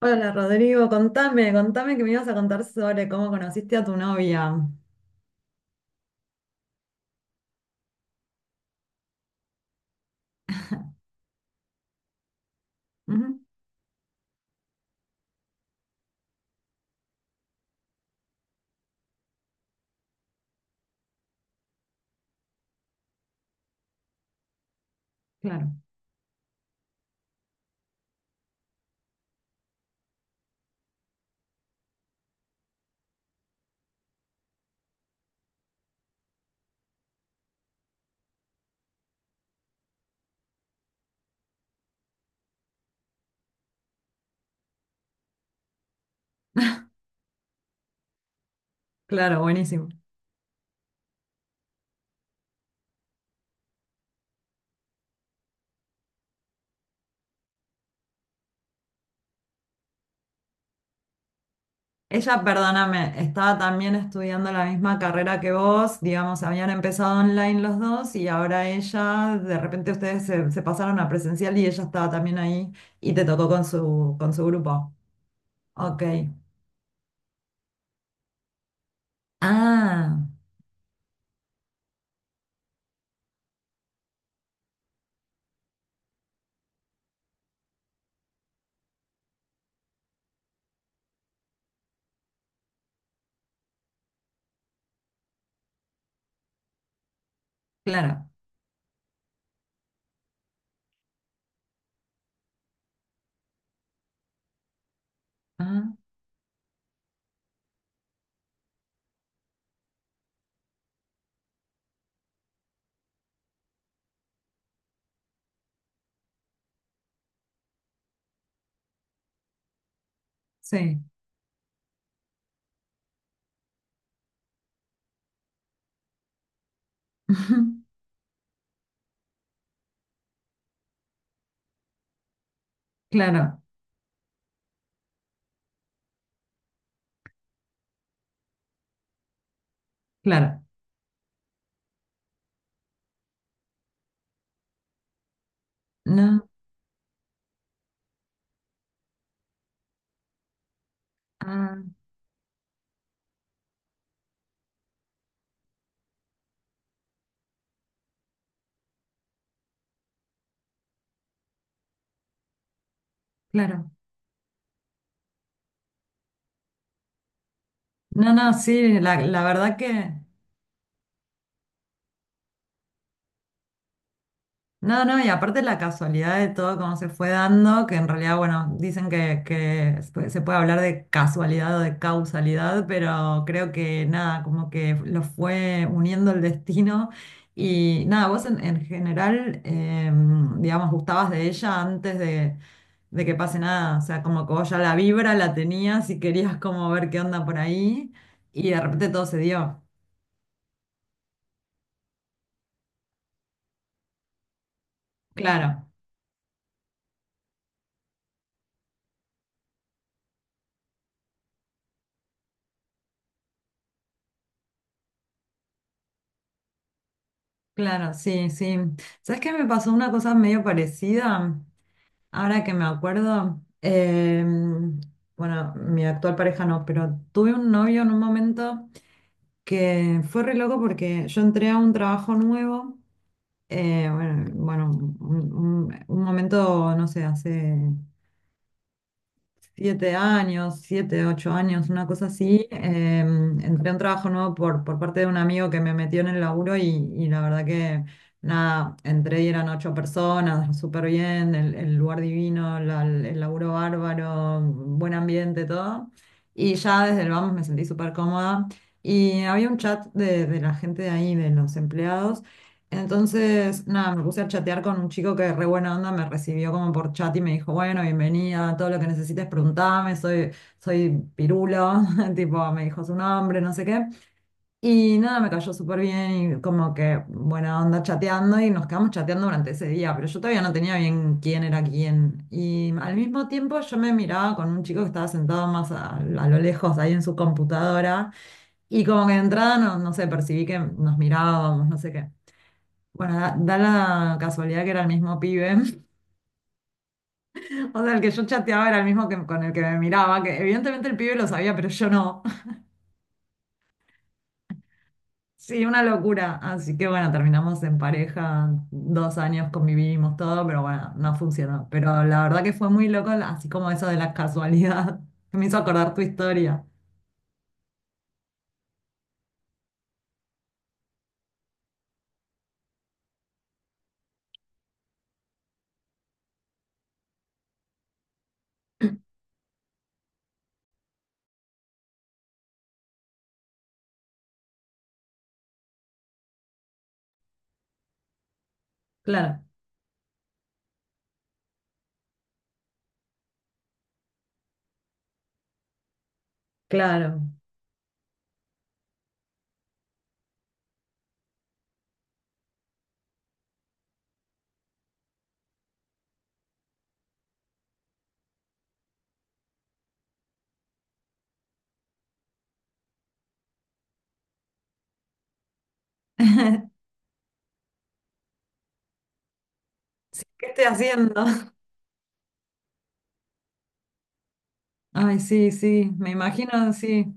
Hola Rodrigo, contame, contame que me ibas a contar sobre cómo conociste a tu novia. Ujú, claro, claro, buenísimo. Ella, perdóname, estaba también estudiando la misma carrera que vos, digamos, habían empezado online los dos y ahora ella, de repente ustedes se pasaron a presencial y ella estaba también ahí y te tocó con su grupo. Ok. Ah, claro. Ah, sí. Claro, claro. No. Ah, claro. No, no, sí, la verdad que... No, no, y aparte la casualidad de todo cómo se fue dando, que en realidad, bueno, dicen que se puede hablar de casualidad o de causalidad, pero creo que nada, como que lo fue uniendo el destino. Y nada, vos en general, digamos, gustabas de ella antes de que pase nada, o sea, como que vos ya la vibra la tenías y querías como ver qué onda por ahí, y de repente todo se dio, claro. Claro, sí, sí. ¿Sabes qué me pasó una cosa medio parecida? Ahora que me acuerdo, bueno, mi actual pareja no, pero tuve un novio en un momento que fue re loco porque yo entré a un trabajo nuevo, bueno, bueno, un momento, no sé, hace 7 años, 7, 8 años, una cosa así. Entré a un trabajo nuevo por parte de un amigo que me metió en el laburo y la verdad que nada, entré y eran 8 personas, súper bien, el lugar divino, el laburo bárbaro, buen ambiente, todo. Y ya desde el vamos me sentí súper cómoda. Y había un chat de la gente de ahí, de los empleados. Entonces, nada, me puse a chatear con un chico que re buena onda me recibió como por chat y me dijo, bueno, bienvenida, todo lo que necesites preguntame, soy Pirulo, tipo, me dijo su nombre, no sé qué. Y nada, me cayó súper bien y como que buena onda chateando y nos quedamos chateando durante ese día, pero yo todavía no tenía bien quién era quién. Y al mismo tiempo yo me miraba con un chico que estaba sentado más a lo lejos ahí en su computadora y como que de entrada, no, no sé, percibí que nos mirábamos, no sé qué. Bueno, da la casualidad que era el mismo pibe. O sea, el que yo chateaba era el mismo que, con el que me miraba, que evidentemente el pibe lo sabía, pero yo no. Sí, una locura. Así que bueno, terminamos en pareja, 2 años convivimos todo, pero bueno, no funcionó. Pero la verdad que fue muy loco, así como eso de la casualidad. Me hizo acordar tu historia. Claro, claro. Sí, ¿qué estoy haciendo? Ay, sí, sí, me imagino, sí.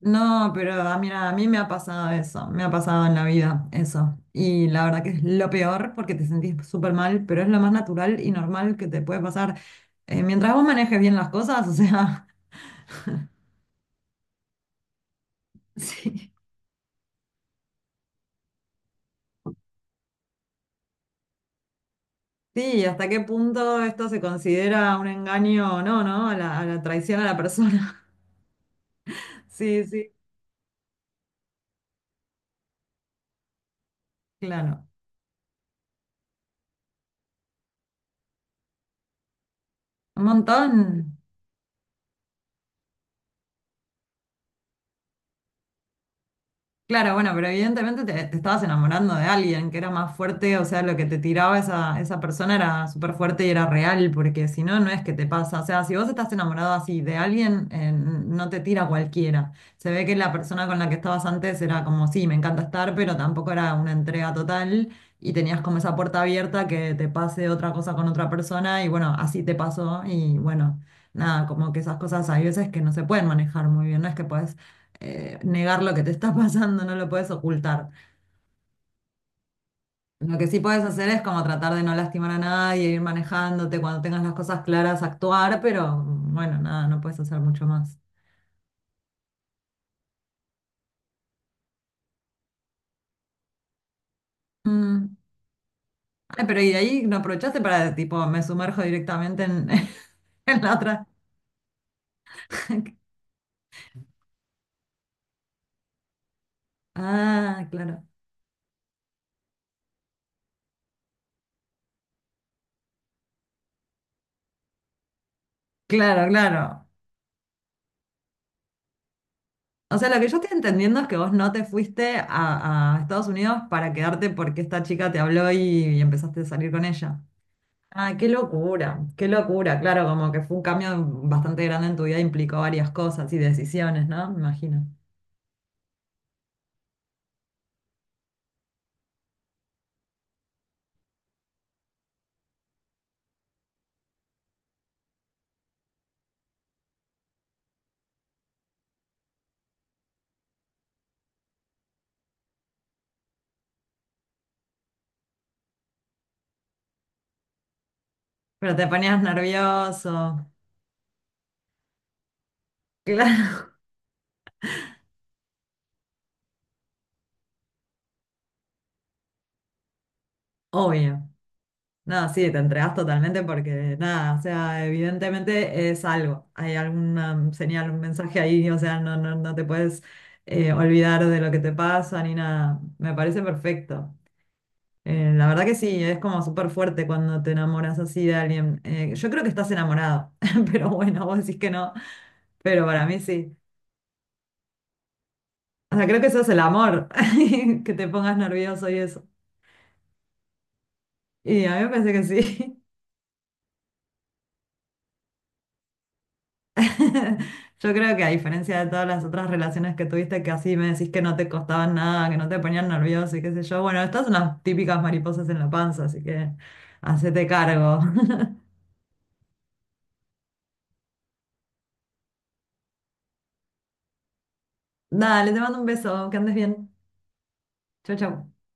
No, pero ah, mira, a mí me ha pasado eso, me ha pasado en la vida eso. Y la verdad que es lo peor porque te sentís súper mal, pero es lo más natural y normal que te puede pasar. Mientras vos manejes bien las cosas, o sea, sí. Sí, ¿hasta qué punto esto se considera un engaño o no, no? A la traición a la persona. Sí, sí, claro. Un montón. Claro, bueno, pero evidentemente te estabas enamorando de alguien que era más fuerte, o sea, lo que te tiraba esa persona era súper fuerte y era real, porque si no, no es que te pasa. O sea, si vos estás enamorado así de alguien, no te tira cualquiera. Se ve que la persona con la que estabas antes era como, sí, me encanta estar, pero tampoco era una entrega total y tenías como esa puerta abierta que te pase otra cosa con otra persona y bueno, así te pasó y bueno, nada, como que esas cosas hay veces que no se pueden manejar muy bien, no es que puedes negar lo que te está pasando, no lo puedes ocultar. Lo que sí puedes hacer es como tratar de no lastimar a nadie, ir manejándote, cuando tengas las cosas claras, actuar, pero bueno, nada, no puedes hacer mucho más. Mm. Ay, pero y de ahí no aprovechaste para, tipo, me sumerjo directamente en, en la otra. Ah, claro. Claro, claro. O sea, lo que yo estoy entendiendo es que vos no te fuiste a Estados Unidos para quedarte porque esta chica te habló y empezaste a salir con ella. Ah, qué locura, qué locura. Claro, como que fue un cambio bastante grande en tu vida, implicó varias cosas y decisiones, ¿no? Me imagino. Pero te ponías nervioso. Claro, obvio. No, sí, te entregas totalmente porque nada, o sea, evidentemente es algo. Hay alguna señal, un mensaje ahí, o sea, no, no, no te puedes olvidar de lo que te pasa ni nada. Me parece perfecto. La verdad que sí, es como súper fuerte cuando te enamoras así de alguien. Yo creo que estás enamorado, pero bueno, vos decís que no, pero para mí sí. O sea, creo que eso es el amor, que te pongas nervioso y eso. Y a mí me parece que sí. Yo creo que a diferencia de todas las otras relaciones que tuviste, que así me decís que no te costaban nada, que no te ponían nervioso y qué sé yo, bueno, estas son las típicas mariposas en la panza, así que hacete cargo. Dale, te mando un beso, que andes bien. Chau, chau.